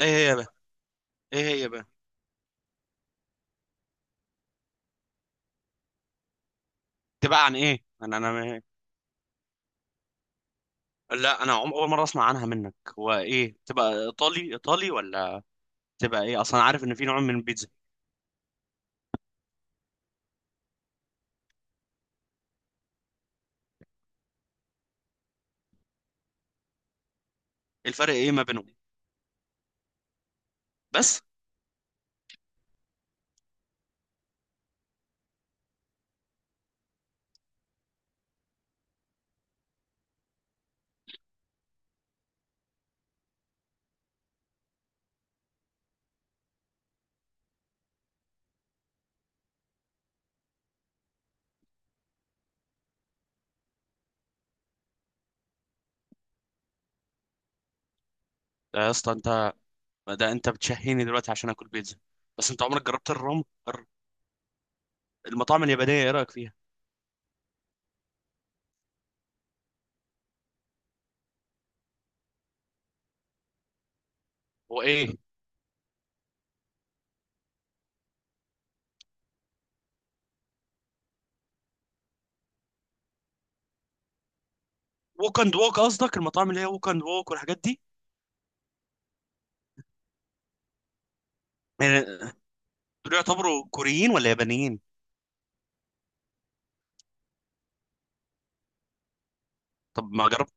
ايه هي بقى ايه هي بقى؟ تبقى عن ايه؟ انا لا، اول مره اسمع عنها منك. هو ايه؟ تبقى ايطالي ولا تبقى ايه اصلا؟ عارف ان في نوع من البيتزا. الفرق ايه ما بينهم؟ بس. ده يا اسطى انت، ده انت بتشهيني دلوقتي عشان اكل بيتزا. بس انت عمرك جربت المطاعم اليابانيه؟ ايه رايك فيها؟ هو ايه؟ ووك اند ووك قصدك؟ المطاعم اللي هي ووك اند ووك والحاجات دي؟ يعني دول يعتبروا كوريين ولا يابانيين؟ طب ما جربت.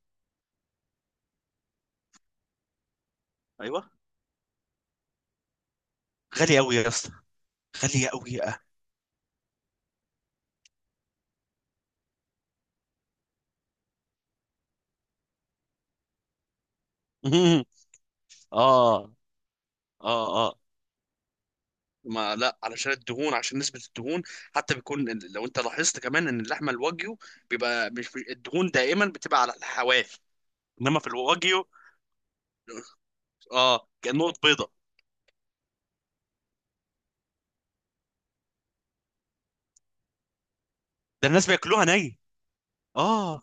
ايوه. غالي قوي يا اسطى. غاليه قوي. اه، اه، اه. ما لا، علشان الدهون، عشان نسبة الدهون. حتى بيكون لو انت لاحظت كمان ان اللحمة الواجيو بيبقى الدهون دائما بتبقى على الحواف. انما في الواجيو اه، كأنه بيضة. ده الناس بياكلوها ني؟ اه.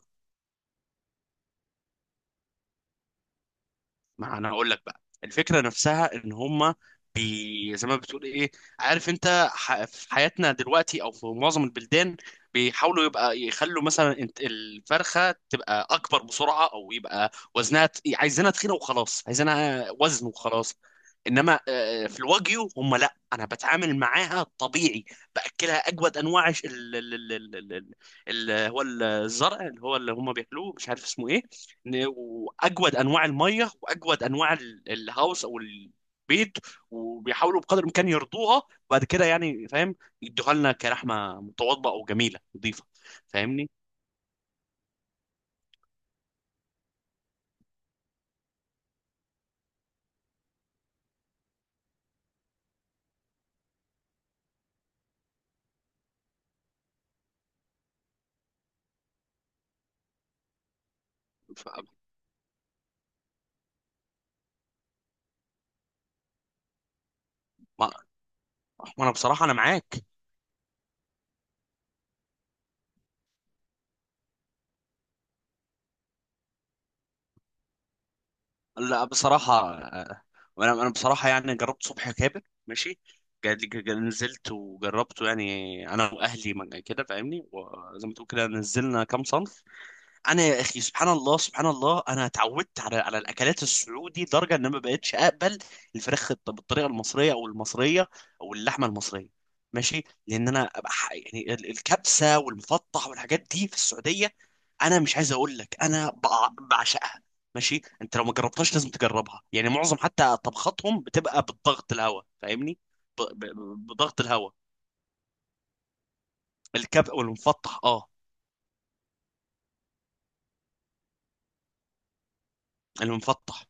ما انا اقول لك بقى، الفكره نفسها ان هما بي زي ما بتقول ايه، عارف انت في حياتنا دلوقتي او في معظم البلدان بيحاولوا يبقى يخلوا مثلا الفرخه تبقى اكبر بسرعه، او يبقى عايزينها تخينه وخلاص، عايزينها وزن وخلاص. انما في الواجيو هم لا، انا بتعامل معاها طبيعي. باكلها اجود انواع هو الزرع اللي هو اللي هم بياكلوه، مش عارف اسمه ايه. واجود انواع الميه، واجود انواع الهاوس او البيت. وبيحاولوا بقدر الامكان يرضوها، وبعد كده يعني فاهم، يدوها لنا كرحمه متواضعه او جميله نظيفه. فاهمني؟ ف... ما... وانا بصراحه انا معاك. لا بصراحه، وانا بصراحه يعني جربت صبح كابر، ماشي. نزلت وجربته يعني، انا واهلي كده فاهمني، وزي ما تقول كده نزلنا كام صنف. انا يا اخي، سبحان الله سبحان الله، انا اتعودت على الاكلات السعودي لدرجه ان أنا ما بقتش اقبل بالطريقه المصريه او المصريه، او اللحمه المصريه. ماشي، لان انا يعني الكبسه والمفطح والحاجات دي في السعوديه، انا مش عايز اقول لك انا بعشقها. ماشي، انت لو ما جربتهاش لازم تجربها. يعني معظم حتى طبخاتهم بتبقى بالضغط الهواء، فاهمني، بضغط الهواء. الكبسه والمفطح اه. المفطح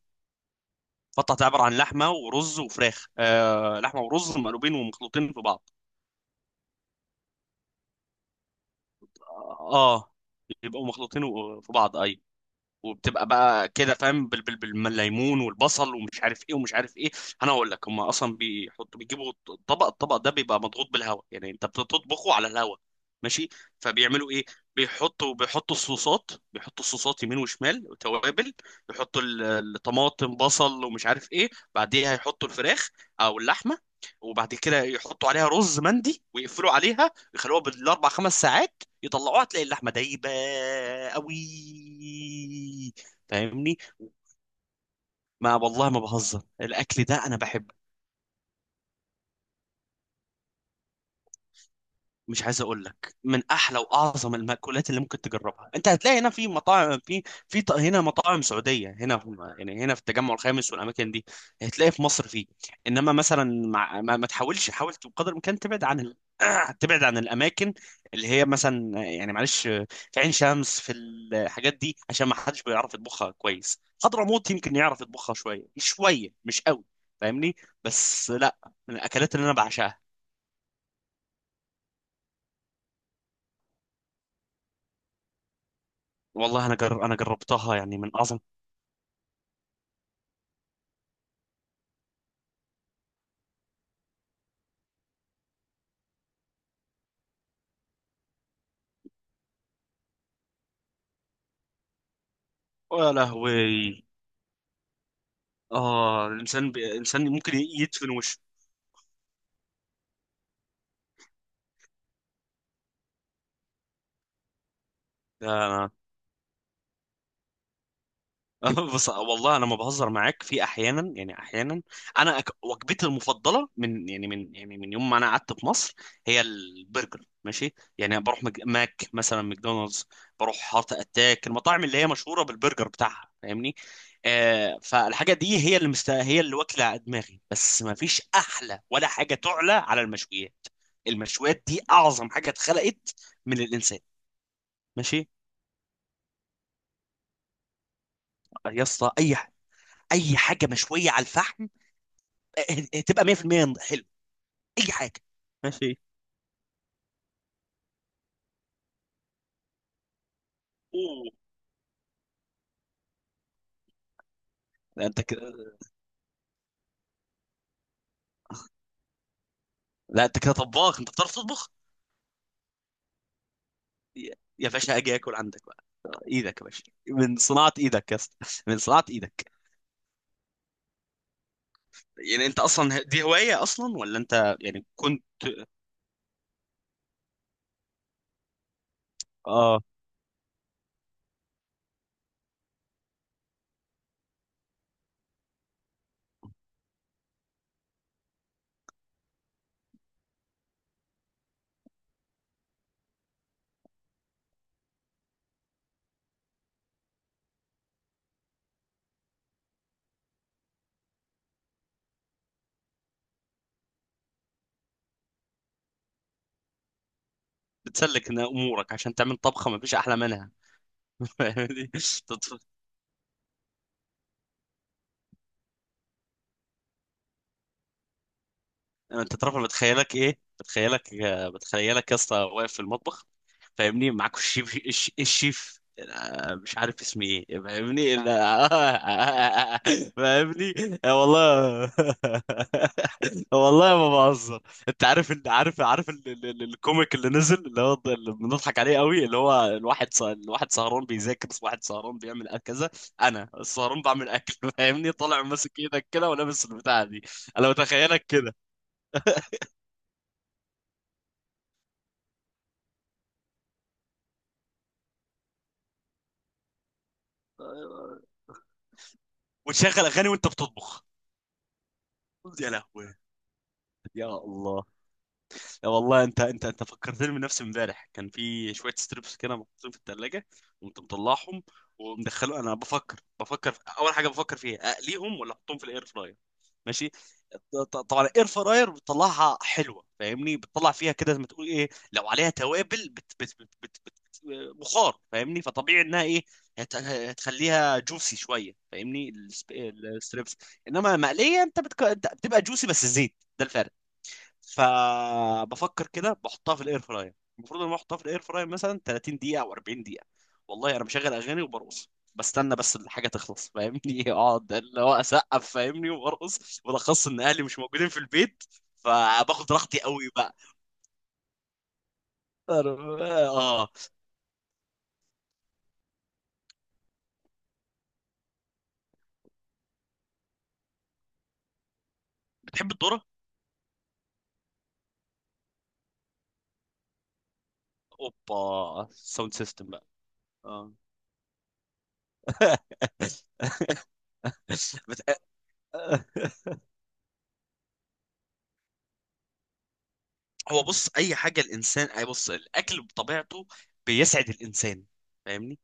بطه تعبر عن لحمه ورز وفراخ، آه، لحمه ورز مقلوبين ومخلوطين في بعض. اه يبقوا مخلوطين في بعض، ايوه. وبتبقى بقى كده فاهم، بالليمون والبصل ومش عارف ايه ومش عارف ايه. انا اقول لك هم اصلا بيحطوا، بيجيبوا الطبق، ده بيبقى مضغوط بالهواء، يعني انت بتطبخه على الهواء. ماشي؟ فبيعملوا ايه؟ بيحطوا الصوصات، يمين وشمال وتوابل. يحطوا الطماطم، بصل ومش عارف ايه. بعديها يحطوا الفراخ او اللحمه، وبعد كده يحطوا عليها رز مندي، ويقفلوا عليها ويخلوها بالاربع خمس ساعات. يطلعوها، تلاقي اللحمه دايبه قوي. فاهمني؟ ما والله ما بهزر، الاكل ده انا بحبه. مش عايز اقول لك من احلى واعظم المأكولات اللي ممكن تجربها. انت هتلاقي هنا في مطاعم، هنا مطاعم سعوديه، هنا في يعني، هنا في التجمع الخامس والاماكن دي، هتلاقي في مصر فيه. انما مثلا مع ما تحاولش، حاول بقدر الامكان تبعد عن تبعد عن الاماكن اللي هي مثلا يعني معلش في عين شمس، في الحاجات دي، عشان ما حدش بيعرف يطبخها كويس. حضرموت يمكن يعرف يطبخها شويه شويه، مش قوي. فاهمني؟ بس لا، من الاكلات اللي انا بعشقها. والله انا انا جربتها، يعني من اعظم. يا لهوي. اه، الانسان الانسان ممكن يدفن وشه. بص، والله انا ما بهزر معاك. في احيانا يعني انا وجبتي المفضله من من يوم ما انا قعدت في مصر هي البرجر. ماشي؟ يعني بروح ماك مثلا، ماكدونالدز، بروح هارت اتاك، المطاعم اللي هي مشهوره بالبرجر بتاعها، فاهمني. آه، فالحاجه دي هي اللي هي اللي واكله دماغي. بس ما فيش احلى ولا حاجه تعلى على المشويات. المشويات دي اعظم حاجه اتخلقت من الانسان. ماشي يا اسطى، اي حاجه مشويه على الفحم، إيه، تبقى 100% حلو. اي حاجه. ماشي. أوه. لا انت كده، لا انت كده طباخ، انت بتعرف تطبخ. يا باشا، اجي اكل عندك بقى. ايدك يا باشا، من صناعه ايدك يا اسطى، من صناعه ايدك. يعني انت اصلا دي هوايه اصلا ولا انت يعني كنت؟ اه. بتسلك إن امورك عشان تعمل طبخه ما فيش احلى منها. فاهمني؟ انت تعرف أنا بتخيلك ايه؟ بتخيلك يا اسطى واقف في المطبخ، فاهمني، معاك الشيف الشيف، مش عارف اسمي ايه، فاهمني، لا، فاهمني، والله. والله ما بهزر. انت عارف الكوميك اللي نزل، اللي هو اللي بنضحك عليه قوي، اللي هو الواحد الواحد سهران بيذاكر، واحد سهران بيعمل كذا، انا السهران بعمل اكل. فاهمني؟ طالع ماسك ايدك كده ولابس البتاعه دي. انا بتخيلك كده، وتشغل اغاني وانت بتطبخ. يا لهوي، يا الله. يا والله، انت فكرتني بنفسي. امبارح كان في شويه ستريبس كده محطوطين في الثلاجه. قمت مطلعهم ومدخله، انا بفكر اول حاجه بفكر فيها اقليهم ولا احطهم في الاير فراير. ماشي؟ طبعا الاير فراير بتطلعها حلوه، فاهمني، بتطلع فيها كده زي ما تقول ايه، لو عليها توابل بت بت بت بت بت بخار، فاهمني، فطبيعي انها ايه، هتخليها جوسي شويه، فاهمني، الستريبس. انما مقليه، انت انت بتبقى جوسي بس زيت، ده الفرق. فبفكر كده، بحطها في الاير فراير. المفروض ان انا احطها في الاير فراير مثلا 30 دقيقه او 40 دقيقه. والله انا مشغل اغاني وبرقص، بستنى بس الحاجه تخلص، فاهمني. اقعد اللي هو اسقف فاهمني، وبرقص، بالاخص ان اهلي مش موجودين في البيت، فباخد راحتي قوي بقى. أنا، اه، بتحب الذره، اوبا ساوند سيستم بقى. اه. بت... هو بص، اي حاجه الانسان، بص، الاكل بطبيعته بيسعد الانسان. فاهمني،